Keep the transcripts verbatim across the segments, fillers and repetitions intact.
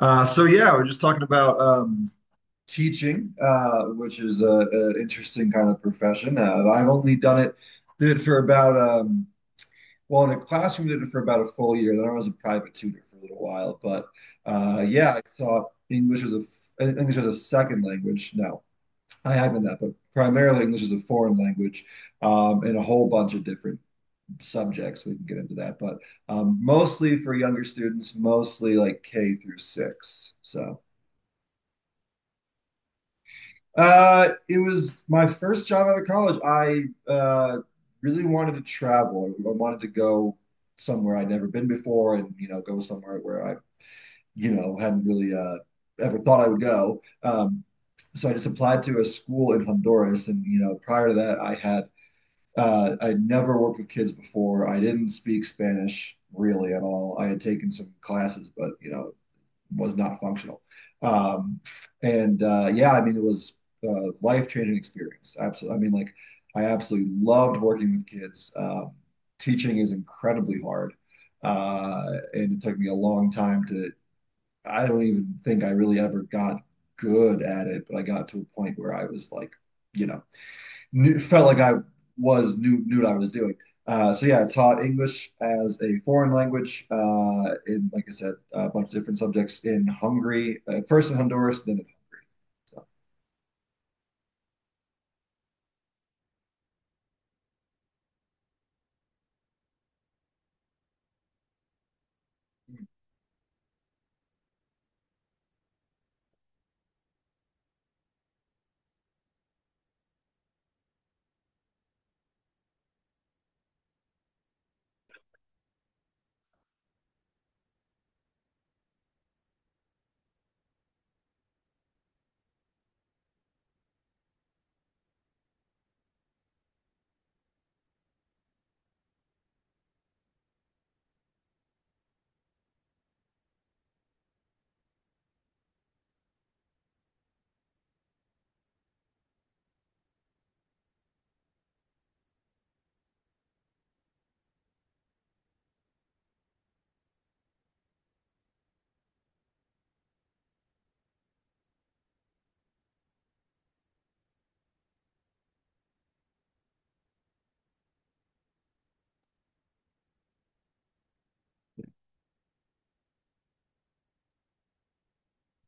Uh, so yeah, we're just talking about um, teaching, uh, which is a, a interesting kind of profession. Uh, I've only done it, Did it for about um, well, in a classroom, did it for about a full year. Then I was a private tutor for a little while. But uh, yeah, I taught English as a f- English as a second language. No, I haven't that, but primarily English as a foreign language, um, and a whole bunch of different subjects. We can get into that, but um, mostly for younger students, mostly like K through six. So. Uh, it was my first job out of college. I uh, really wanted to travel. I wanted to go somewhere I'd never been before, and you know, go somewhere where I, you know, hadn't really uh, ever thought I would go. Um, so I just applied to a school in Honduras, and you know, prior to that, I had uh, I'd never worked with kids before. I didn't speak Spanish really at all. I had taken some classes, but you know, was not functional. Um, and uh, Yeah, I mean, it was a life changing experience. Absolutely. I mean, like, I absolutely loved working with kids. Um, teaching is incredibly hard. Uh, and it took me a long time to, I don't even think I really ever got good at it, but I got to a point where I was like, you know, knew, felt like I was knew knew what I was doing. Uh, so yeah, I taught English as a foreign language uh, in, like I said, a bunch of different subjects in Hungary, uh, first in Honduras, then in so,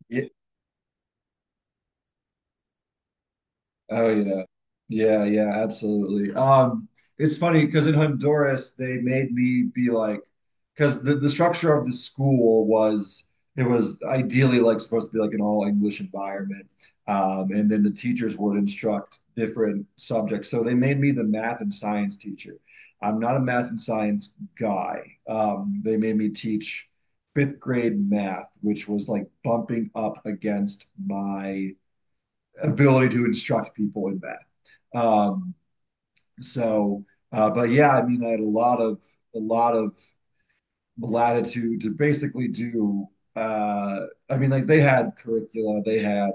yeah. Oh yeah. Yeah, yeah, absolutely. Um, it's funny because in Honduras they made me be like because the, the structure of the school was it was ideally like supposed to be like an all English environment. Um, and then the teachers would instruct different subjects. So they made me the math and science teacher. I'm not a math and science guy. Um, they made me teach fifth grade math, which was like bumping up against my ability to instruct people in math. Um, so, uh, but yeah, I mean, I had a lot of a lot of latitude to basically do. Uh, I mean, like they had curricula, they had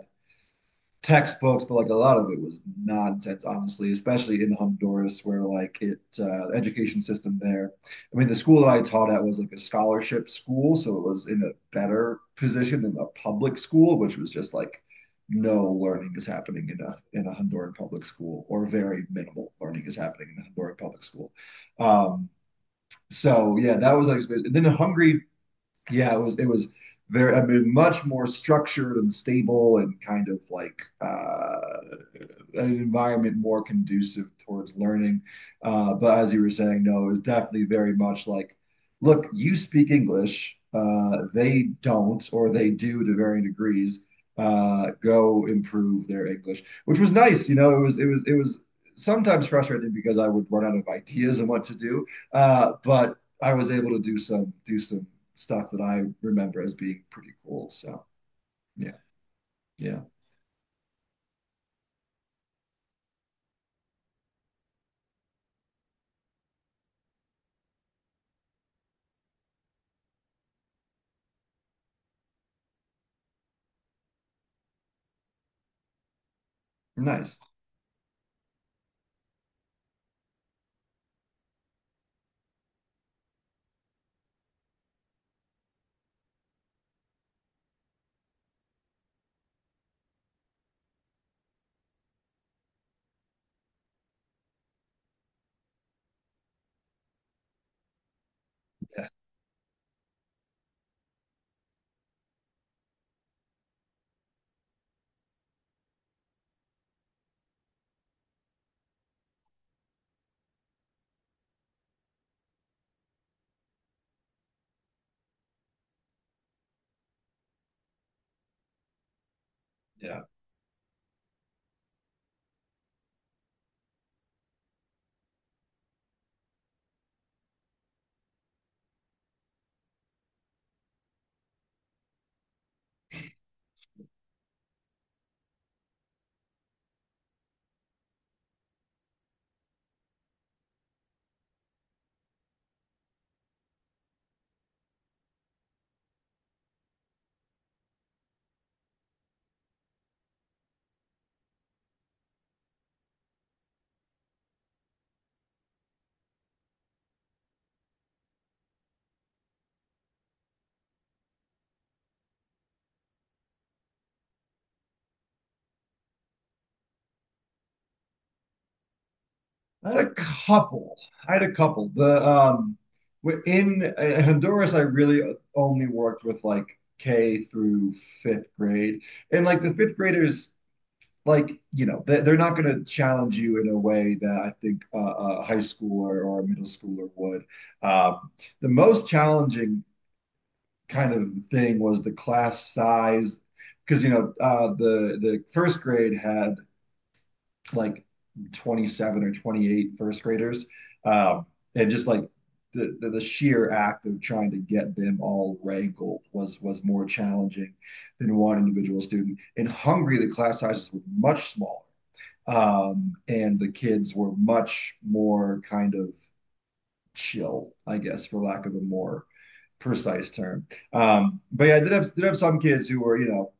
textbooks, but like a lot of it was nonsense, honestly, especially in Honduras, where like it uh, education system there. I mean, the school that I taught at was like a scholarship school, so it was in a better position than a public school, which was just like no learning is happening in a in a Honduran public school, or very minimal learning is happening in a Honduran public school. Um, so yeah, that was like, and then in Hungary yeah, it was it was very, I mean, much more structured and stable and kind of like uh an environment more conducive towards learning. Uh, but as you were saying, no, it was definitely very much like, look, you speak English, uh, they don't, or they do to varying degrees. Uh, go improve their English, which was nice. You know, it was it was it was sometimes frustrating because I would run out of ideas and what to do. Uh, but I was able to do some do some stuff that I remember as being pretty cool. So yeah, yeah, nice. Yeah, yeah. I had a couple. I had a couple. The um w- in uh, Honduras, I really only worked with like K through fifth grade, and like the fifth graders, like you know, they, they're not going to challenge you in a way that I think uh, a high schooler or a middle schooler would. Um, the most challenging kind of thing was the class size, because you know, uh, the the first grade had like twenty-seven or twenty-eight first graders. Um, and just like the, the, the sheer act of trying to get them all rankled was was more challenging than one individual student. In Hungary, the class sizes were much smaller, um, and the kids were much more kind of chill, I guess, for lack of a more precise term. Um, but yeah, I did have did have some kids who were, you know,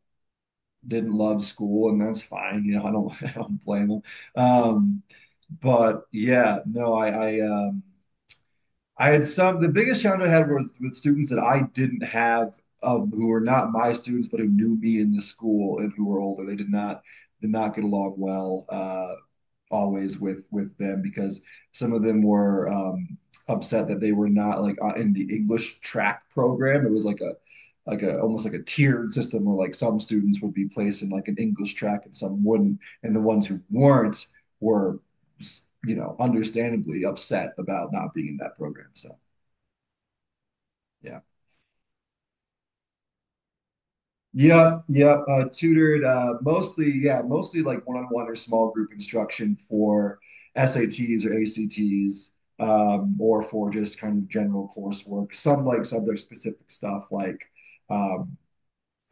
didn't love school, and that's fine. You know, I don't I don't blame them. Um, but yeah, no, I I um I had some the biggest challenge I had was with students that I didn't have um who were not my students but who knew me in the school and who were older. They did not did not get along well. Uh always with with them because some of them were um, upset that they were not like uh, in the English track program. It was like a like a almost like a tiered system where like some students would be placed in like an English track and some wouldn't, and the ones who weren't were, you know, understandably upset about not being in that program. So yeah. Yep, yep. Uh, tutored uh, mostly, yeah, mostly like one-on-one or small group instruction for S A Ts or A C Ts, um, or for just kind of general coursework. Some like subject-specific stuff. Like, um,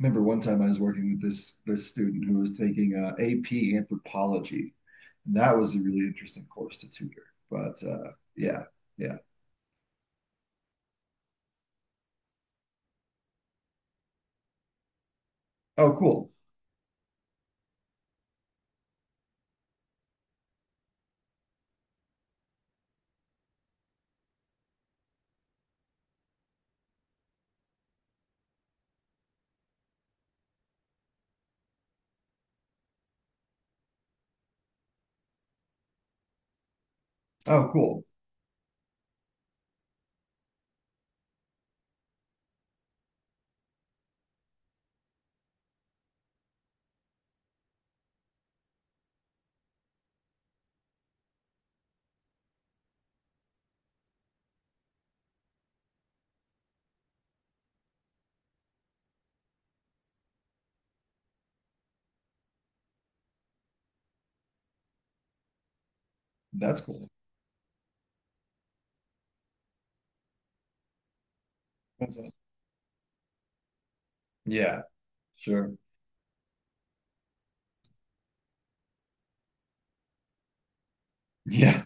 remember one time I was working with this this student who was taking uh, A P Anthropology, and that was a really interesting course to tutor. But uh, yeah, yeah. Oh, cool. Oh, cool. That's cool. That's it. Yeah, sure. Yeah.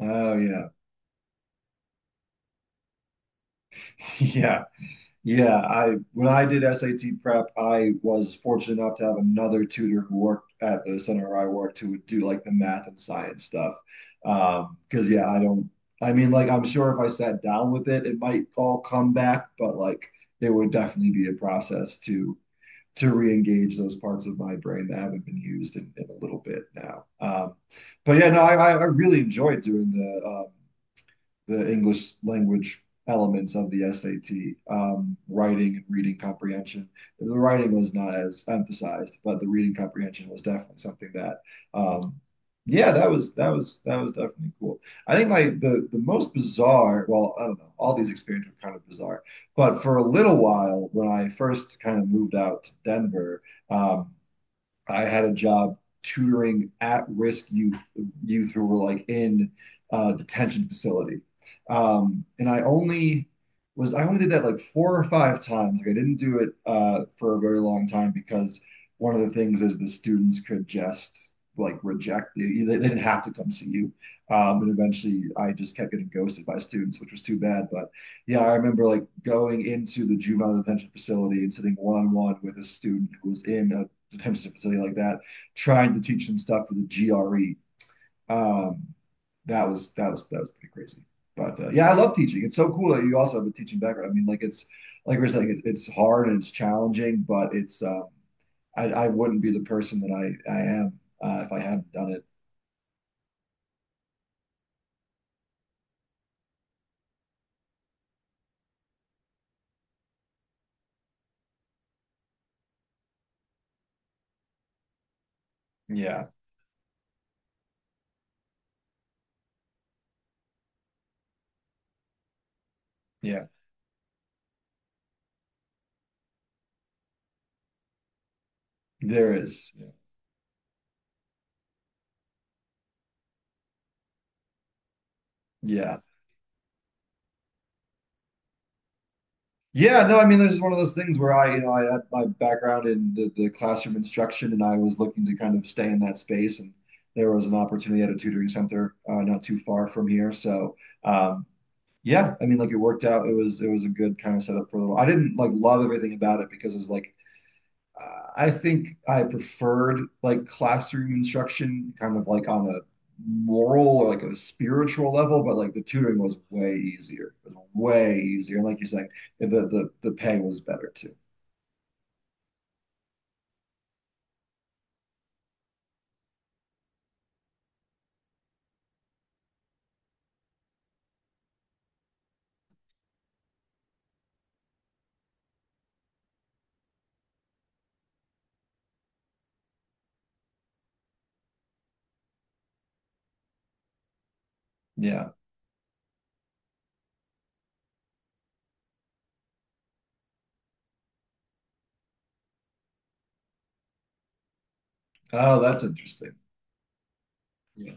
Oh, yeah. Yeah, yeah. I When I did S A T prep, I was fortunate enough to have another tutor who worked at the center where I worked who would do like the math and science stuff. Um, because yeah, I don't I mean like I'm sure if I sat down with it, it might all come back, but like it would definitely be a process to to re-engage those parts of my brain that haven't been used in, in a little bit now. Um, but yeah, no, I I I really enjoyed doing the um the English language elements of the S A T, um, writing and reading comprehension. The writing was not as emphasized, but the reading comprehension was definitely something that, um, yeah, that was that was that was definitely cool. I think like the the most bizarre, well, I don't know, all these experiences were kind of bizarre, but for a little while when I first kind of moved out to Denver, um, I had a job tutoring at-risk youth youth who were like in a uh, detention facility. Um, and I only was I only did that like four or five times. Like I didn't do it uh, for a very long time because one of the things is the students could just like reject you. They, they didn't have to come see you. Um, and eventually I just kept getting ghosted by students, which was too bad. But yeah, I remember like going into the juvenile detention facility and sitting one on one with a student who was in a comes to a facility like that, trying to teach them stuff for the G R E. Um, that was that was that was pretty crazy. But uh, yeah, I love teaching. It's so cool that you also have a teaching background. I mean, like it's like we're saying, it's, it's hard and it's challenging, but it's um, I, I wouldn't be the person that I I am uh, if I hadn't done it. Yeah. Yeah. There is, yeah. Yeah. Yeah, no, I mean, this is one of those things where I, you know, I had my background in the, the classroom instruction and I was looking to kind of stay in that space. And there was an opportunity at a tutoring center uh, not too far from here. So, um, yeah, I mean, like it worked out. It was, it was a good kind of setup for a little. I didn't like love everything about it because it was like I think I preferred like classroom instruction, kind of like on a moral or like a spiritual level, but like the tutoring was way easier. It was way easier. And like you're saying, the the the pay was better too. Yeah. Oh, that's interesting. Yeah.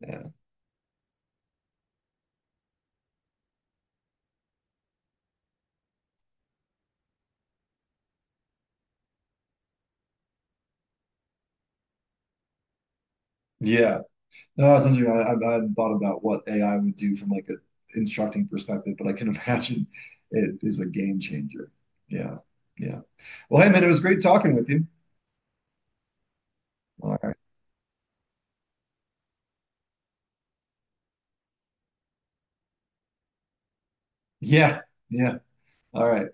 Yeah. Yeah. No, it's interesting. I, I, I hadn't thought about what A I would do from like an instructing perspective, but I can imagine it is a game changer. Yeah. Yeah. Well, hey man, it was great talking with you. All right. Yeah. Yeah. All right.